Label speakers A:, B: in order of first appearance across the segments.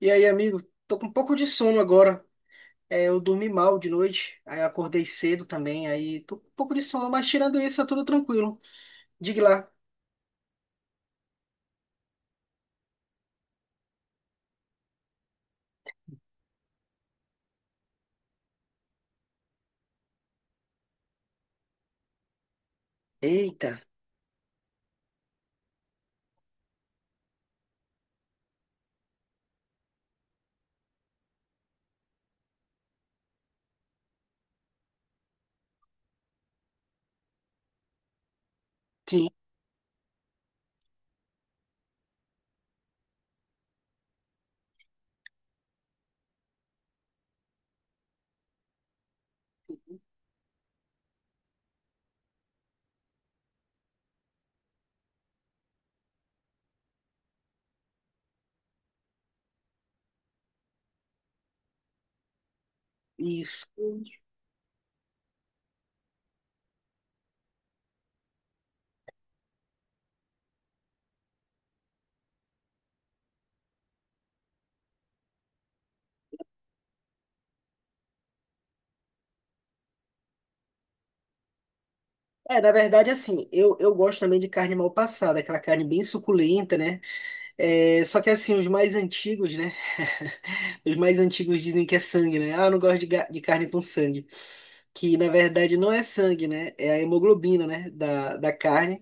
A: E aí, amigo, tô com um pouco de sono agora. Eu dormi mal de noite, aí acordei cedo também, aí tô com um pouco de sono, mas tirando isso, tá tudo tranquilo. Diga lá. Eita, sim, isso. Na verdade, assim, eu gosto também de carne mal passada, aquela carne bem suculenta, né? Só que assim, os mais antigos, né? Os mais antigos dizem que é sangue, né? Ah, eu não gosto de carne com sangue. Que na verdade não é sangue, né? É a hemoglobina, né? Da carne,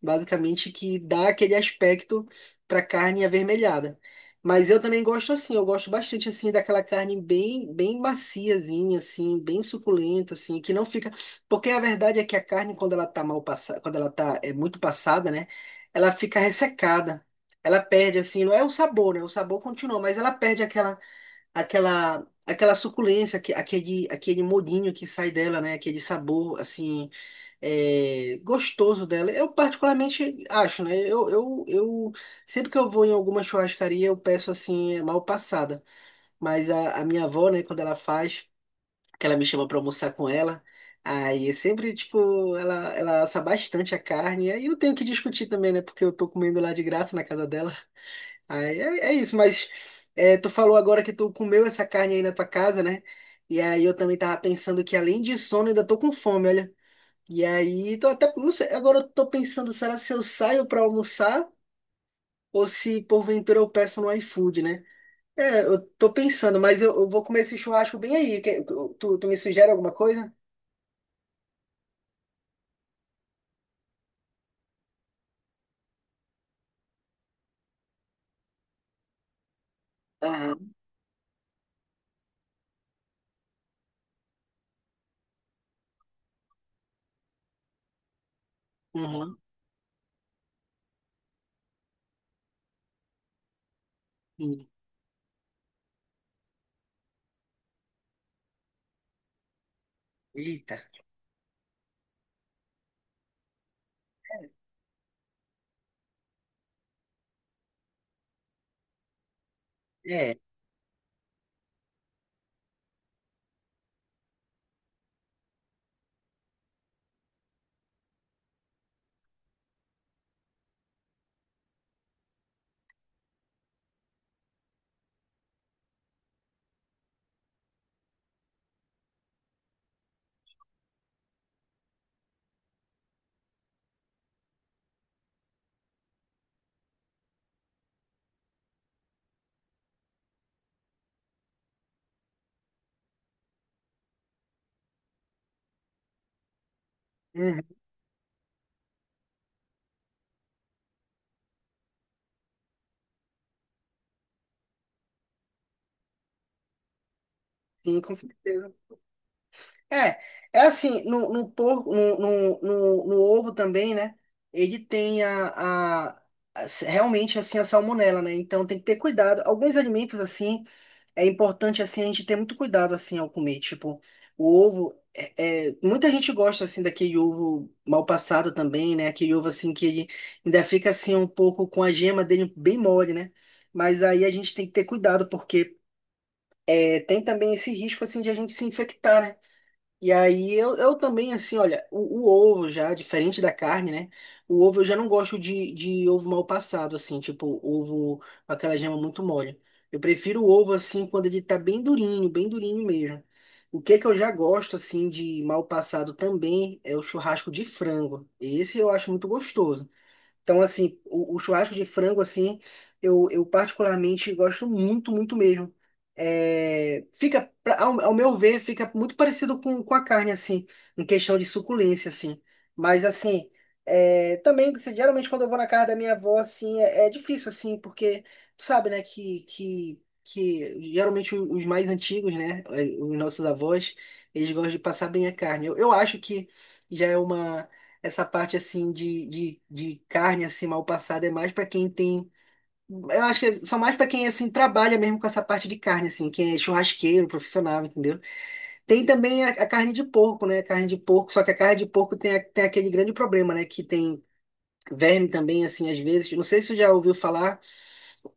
A: basicamente, que dá aquele aspecto para carne avermelhada. Mas eu também gosto assim, eu gosto bastante assim daquela carne bem, bem maciazinha assim, bem suculenta assim, que não fica, porque a verdade é que a carne, quando ela tá mal passada, quando ela tá muito passada, né, ela fica ressecada. Ela perde assim, não é o sabor, né? O sabor continua, mas ela perde aquela aquela suculência, aquele molhinho que sai dela, né? Aquele sabor assim gostoso dela. Eu particularmente acho, né? Eu sempre que eu vou em alguma churrascaria eu peço assim mal passada. Mas a minha avó, né? Quando ela faz, que ela me chama para almoçar com ela. Aí é sempre, tipo, ela assa bastante a carne. Aí eu tenho que discutir também, né? Porque eu tô comendo lá de graça na casa dela. Aí é isso, mas é, tu falou agora que tu comeu essa carne aí na tua casa, né? E aí eu também tava pensando que, além de sono, eu ainda tô com fome, olha. E aí, tô até, não sei, agora eu tô pensando, será se eu saio pra almoçar ou se porventura eu peço no iFood, né? Eu tô pensando, mas eu vou comer esse churrasco bem aí. Tu me sugere alguma coisa? Aham, uhum, sim. Eita. É, uhum, sim, com certeza. É, É assim, no porco, no ovo também, né? Ele tem a, realmente assim a salmonela, né? Então tem que ter cuidado. Alguns alimentos assim é importante assim a gente ter muito cuidado assim ao comer, tipo o ovo. Muita gente gosta assim daquele ovo mal passado também, né? Aquele ovo assim que ele ainda fica assim um pouco com a gema dele bem mole, né? Mas aí a gente tem que ter cuidado porque tem também esse risco assim de a gente se infectar, né? E aí eu também, assim, olha, o ovo já, diferente da carne, né? O ovo eu já não gosto de ovo mal passado, assim, tipo ovo com aquela gema muito mole. Eu prefiro o ovo, assim, quando ele tá bem durinho mesmo. O que que eu já gosto, assim, de mal passado também é o churrasco de frango. Esse eu acho muito gostoso. Então, assim, o churrasco de frango, assim, eu particularmente gosto muito, muito mesmo. É, fica, ao, ao meu ver, fica muito parecido com a carne, assim, em questão de suculência, assim. Mas, assim, é, também, geralmente, quando eu vou na casa da minha avó, assim, é, é difícil, assim, porque tu sabe, né, que geralmente os mais antigos, né, os nossos avós, eles gostam de passar bem a carne. Eu acho que já é uma essa parte assim de carne assim mal passada é mais para quem tem, eu acho que são mais para quem assim trabalha mesmo com essa parte de carne assim, quem é churrasqueiro, profissional, entendeu? Tem também a carne de porco, né? Carne de porco, só que a carne de porco tem, tem aquele grande problema, né, que tem verme também assim às vezes. Não sei se você já ouviu falar.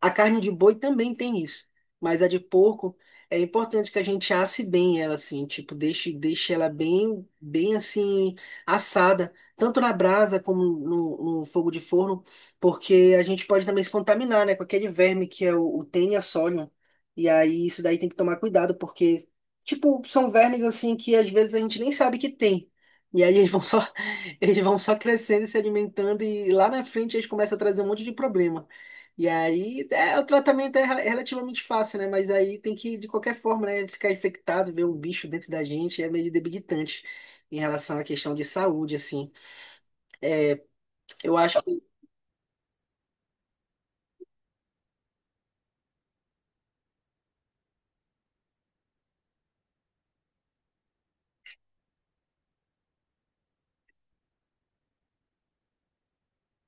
A: A carne de boi também tem isso, mas a de porco é importante que a gente asse bem ela, assim, tipo, deixe, ela bem, bem assim assada, tanto na brasa como no, no fogo de forno, porque a gente pode também se contaminar, né, com aquele verme que é o Taenia solium. E aí isso daí tem que tomar cuidado, porque, tipo, são vermes assim que às vezes a gente nem sabe que tem. E aí eles vão só, eles vão só crescendo e se alimentando e lá na frente eles começam a trazer um monte de problema. E aí, é, o tratamento é relativamente fácil, né? Mas aí tem que, de qualquer forma, né? Ficar infectado, ver um bicho dentro da gente é meio debilitante em relação à questão de saúde, assim. Eu acho que.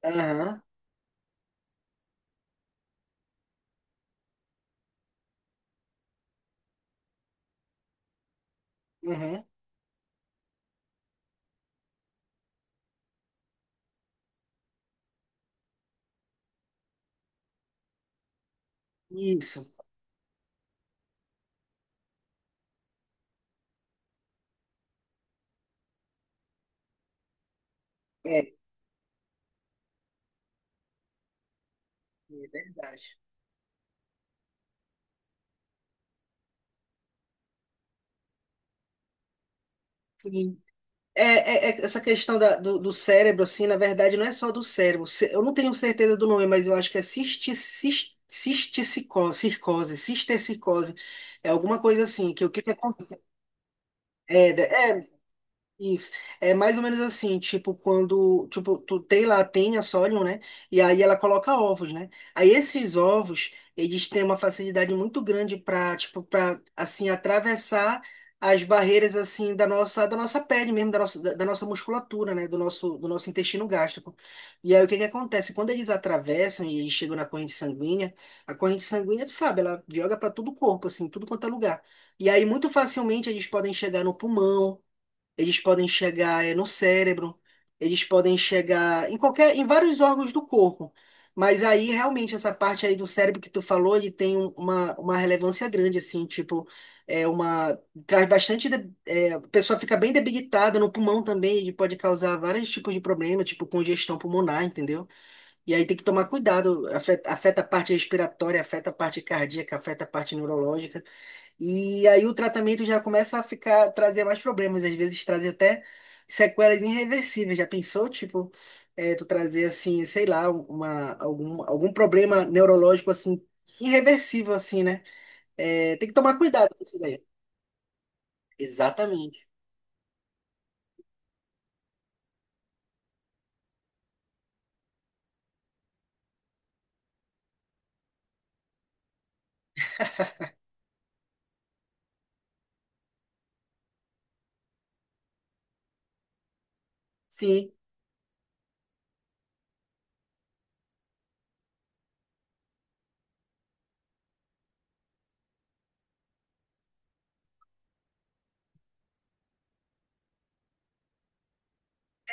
A: Aham, aham, isso. É, é verdade. Sim. É, É essa questão do, do cérebro, assim, na verdade, não é só do cérebro. Eu não tenho certeza do nome, mas eu acho que é cisticicose, circose, cistercicose. É alguma coisa assim, que o que que é, é, isso. É mais ou menos assim, tipo, quando, tipo, tu tem lá, tem a Sorium, né? E aí ela coloca ovos, né? Aí esses ovos, eles têm uma facilidade muito grande para, tipo, para assim atravessar as barreiras assim da nossa pele mesmo, da nossa musculatura, né, do nosso intestino gástrico. E aí o que que acontece? Quando eles atravessam e eles chegam na corrente sanguínea, a corrente sanguínea, tu sabe, ela joga para todo o corpo assim, tudo quanto é lugar. E aí muito facilmente eles podem chegar no pulmão, eles podem chegar no cérebro, eles podem chegar em qualquer, em vários órgãos do corpo. Mas aí, realmente, essa parte aí do cérebro que tu falou, ele tem uma relevância grande, assim, tipo, é uma, traz bastante, é, a pessoa fica bem debilitada. No pulmão também, ele pode causar vários tipos de problema, tipo congestão pulmonar, entendeu? E aí tem que tomar cuidado, afeta, afeta a parte respiratória, afeta a parte cardíaca, afeta a parte neurológica, e aí o tratamento já começa a ficar, trazer mais problemas, às vezes trazer até sequelas irreversíveis. Já pensou, tipo, é, tu trazer assim, sei lá, algum problema neurológico assim, irreversível, assim, né? É, tem que tomar cuidado com isso daí. Exatamente. Sim,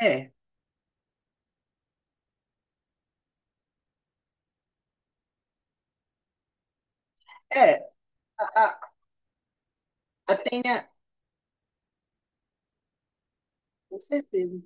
A: é. É, a, a, a tenha, com certeza.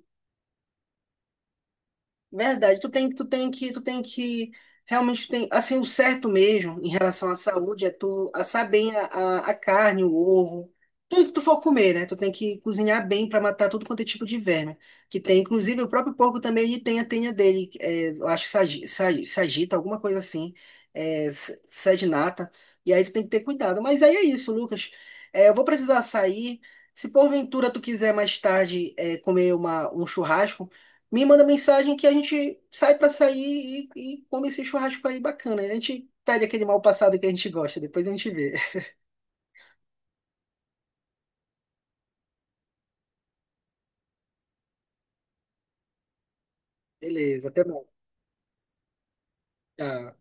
A: Verdade, tu tem que, realmente tem, assim, o certo mesmo em relação à saúde é tu assar bem a carne, o ovo, tudo que tu for comer, né? Tu tem que cozinhar bem para matar tudo quanto é tipo de verme que tem. Inclusive, o próprio porco também, ele tem a tenha dele, é, eu acho que sagita, alguma coisa assim, é, saginata, e aí tu tem que ter cuidado. Mas aí é isso, Lucas, é, eu vou precisar sair, se porventura tu quiser mais tarde, é, comer um churrasco, me manda mensagem que a gente sai pra sair e come esse churrasco aí bacana. A gente pede aquele mal passado que a gente gosta, depois a gente vê. Beleza, até mais. Tchau.